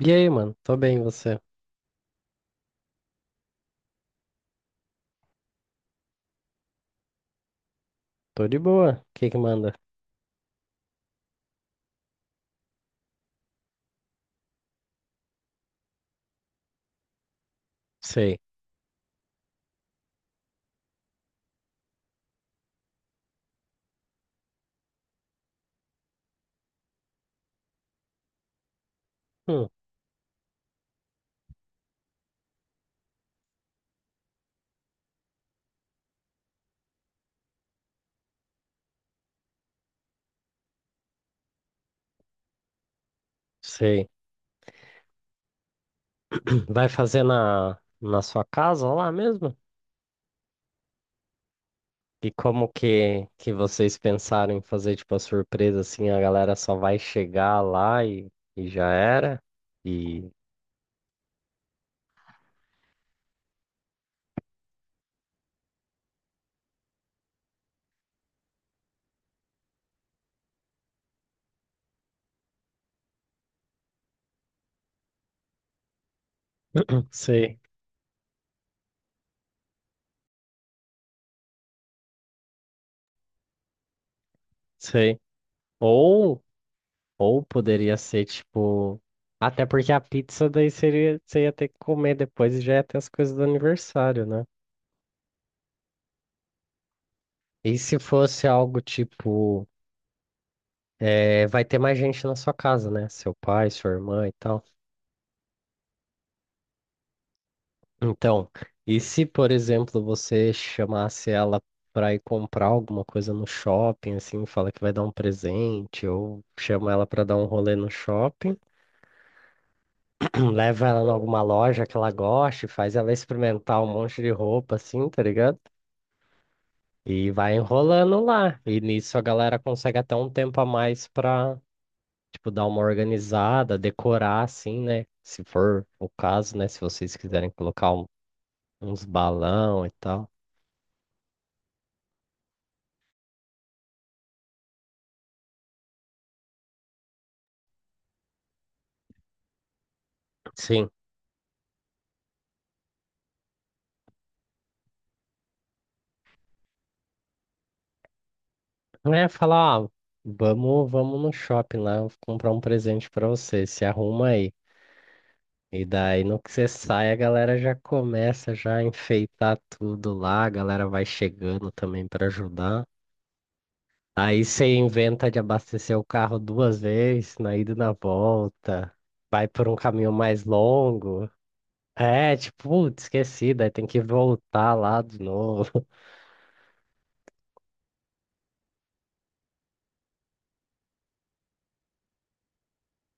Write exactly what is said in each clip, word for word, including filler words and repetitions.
E aí, mano? Tô bem, e você? Tô de boa. O que que manda? Sei. Hum. Sei. Vai fazer na, na sua casa lá mesmo? E como que, que vocês pensaram em fazer, tipo, a surpresa assim? A galera só vai chegar lá e, e já era? E. Sei, sei. Ou, ou poderia ser, tipo. Até porque a pizza daí seria, você ia ter que comer depois e já ia ter as coisas do aniversário, né? E se fosse algo tipo. É, vai ter mais gente na sua casa, né? Seu pai, sua irmã e tal. Então, e se, por exemplo, você chamasse ela para ir comprar alguma coisa no shopping, assim, fala que vai dar um presente, ou chama ela para dar um rolê no shopping, leva ela em alguma loja que ela goste, faz ela experimentar um monte de roupa, assim, tá ligado? E vai enrolando lá. E nisso a galera consegue até um tempo a mais para tipo, dar uma organizada, decorar assim, né? Se for o caso, né? Se vocês quiserem colocar um- uns balão e tal. Sim. É, falar, ah, vamos, vamos no shopping lá, eu vou comprar um presente pra você, se arruma aí. E daí, no que você sai, a galera já começa já a enfeitar tudo lá, a galera vai chegando também pra ajudar. Aí você inventa de abastecer o carro duas vezes, na ida e na volta. Vai por um caminho mais longo. É, tipo, putz, esqueci, daí tem que voltar lá de novo.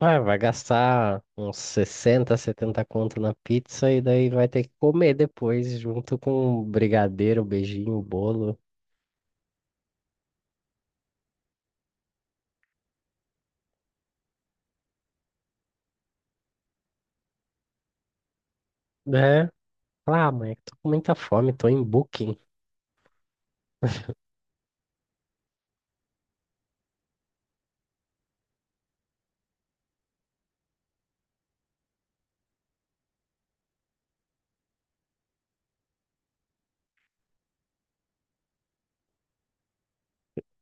Ah, vai gastar uns sessenta, setenta conto na pizza e daí vai ter que comer depois, junto com um brigadeiro, beijinho, bolo. É. Ah, mãe, tô com muita fome, tô em booking.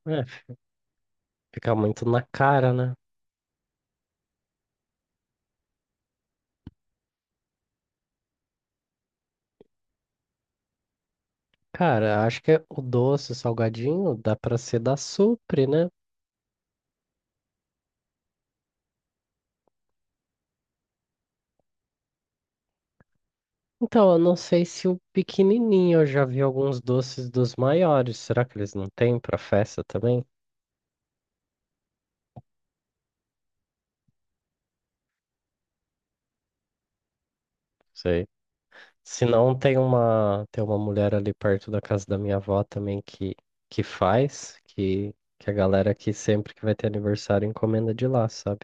É, fica muito na cara, né? Cara, acho que o doce, o salgadinho, dá pra ser da Supre, né? Então, eu não sei se o pequenininho, eu já vi alguns doces dos maiores. Será que eles não têm pra festa também? Sei. Se não, tem uma, tem uma mulher ali perto da casa da minha avó também que, que faz, que, que a galera aqui sempre que vai ter aniversário encomenda de lá, sabe?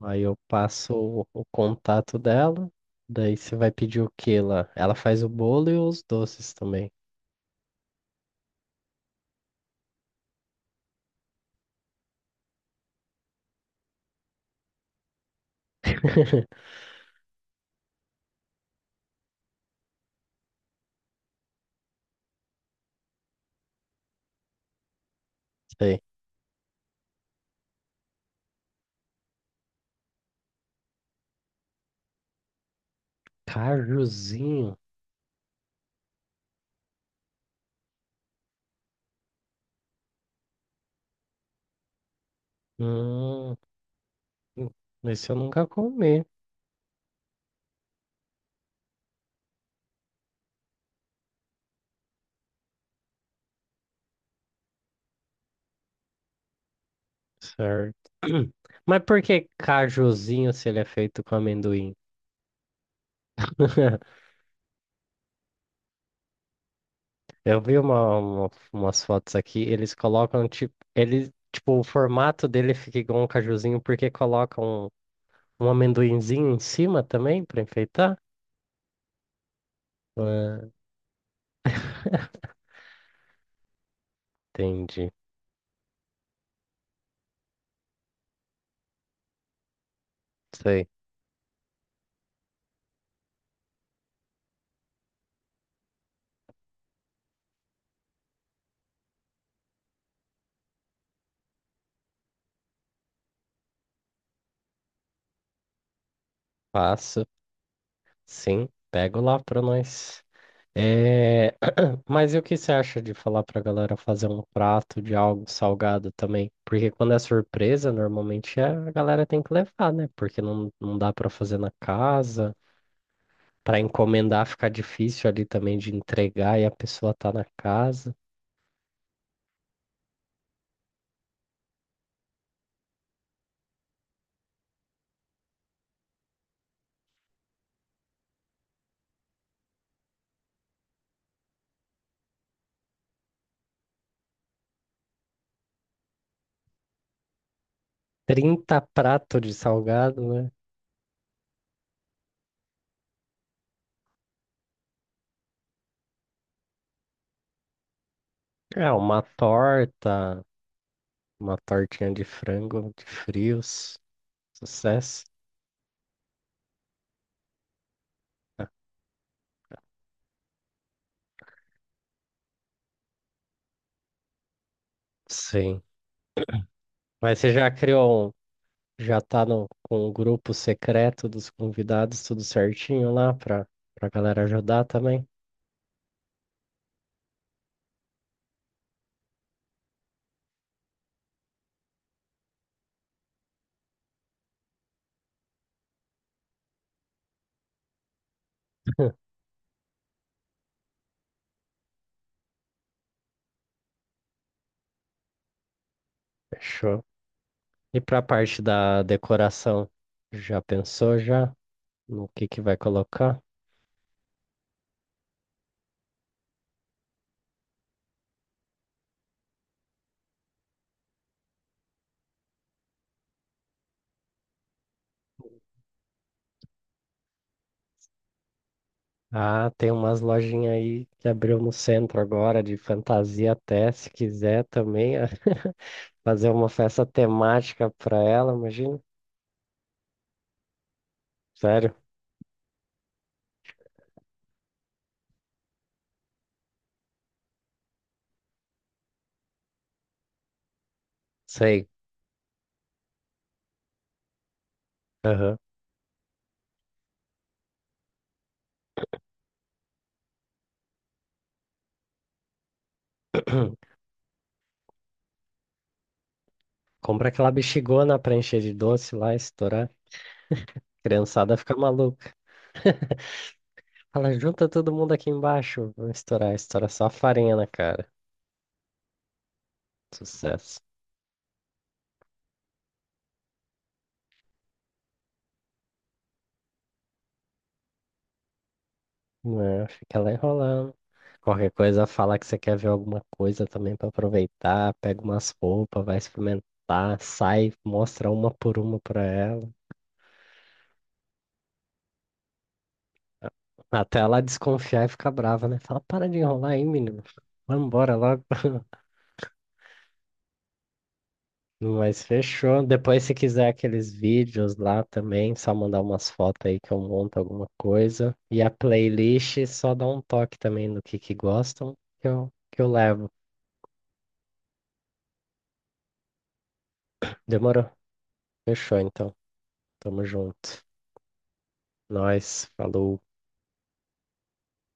Aí eu passo o, o contato dela, daí você vai pedir o que lá? Ela faz o bolo e os doces também. Sei. Cajuzinho? Hum, esse eu nunca comi, certo? Mas por que cajuzinho se ele é feito com amendoim? Eu vi uma, uma- umas fotos aqui, eles colocam tipo, ele, tipo, o formato dele fica igual um cajuzinho porque colocam um amendoinzinho em cima também para enfeitar. Ah, entendi. Sei. Faço. Sim, pego lá para nós. É. Mas e o que você acha de falar pra galera fazer um prato de algo salgado também? Porque quando é surpresa, normalmente é- a galera tem que levar, né? Porque não, não dá pra fazer na casa. Para encomendar fica difícil ali também de entregar e a pessoa tá na casa. Trinta pratos de salgado, né? É, uma torta, uma tortinha de frango, de frios, sucesso. Ah. Sim. Mas você já criou, um- já tá no, com o grupo secreto dos convidados, tudo certinho lá para para galera ajudar também? Fechou. E para a parte da decoração, já pensou já no que que vai colocar? Ah, tem umas lojinhas aí que abriu no centro agora, de fantasia até, se quiser também, ah, fazer uma festa temática pra ela, imagina. Sério? Sei. Aham. Compra aquela bexigona pra encher de doce lá, estourar. Criançada fica maluca. Fala, junta todo mundo aqui embaixo. Vamos estourar, estoura só a farinha na cara. Sucesso. Não, é? Fica lá enrolando. Qualquer coisa, fala que você quer ver alguma coisa também pra aproveitar. Pega umas roupas, vai experimentar, sai, mostra uma por uma pra ela. Até ela desconfiar e ficar brava, né? Fala, para de enrolar aí, menino. Vamos embora logo. Mas fechou. Depois, se quiser aqueles vídeos lá também, só mandar umas fotos aí que eu monto alguma coisa. E a playlist, só dá um toque também no que que gostam, que eu, que eu levo. Demorou? Fechou, então. Tamo junto. Nós, falou.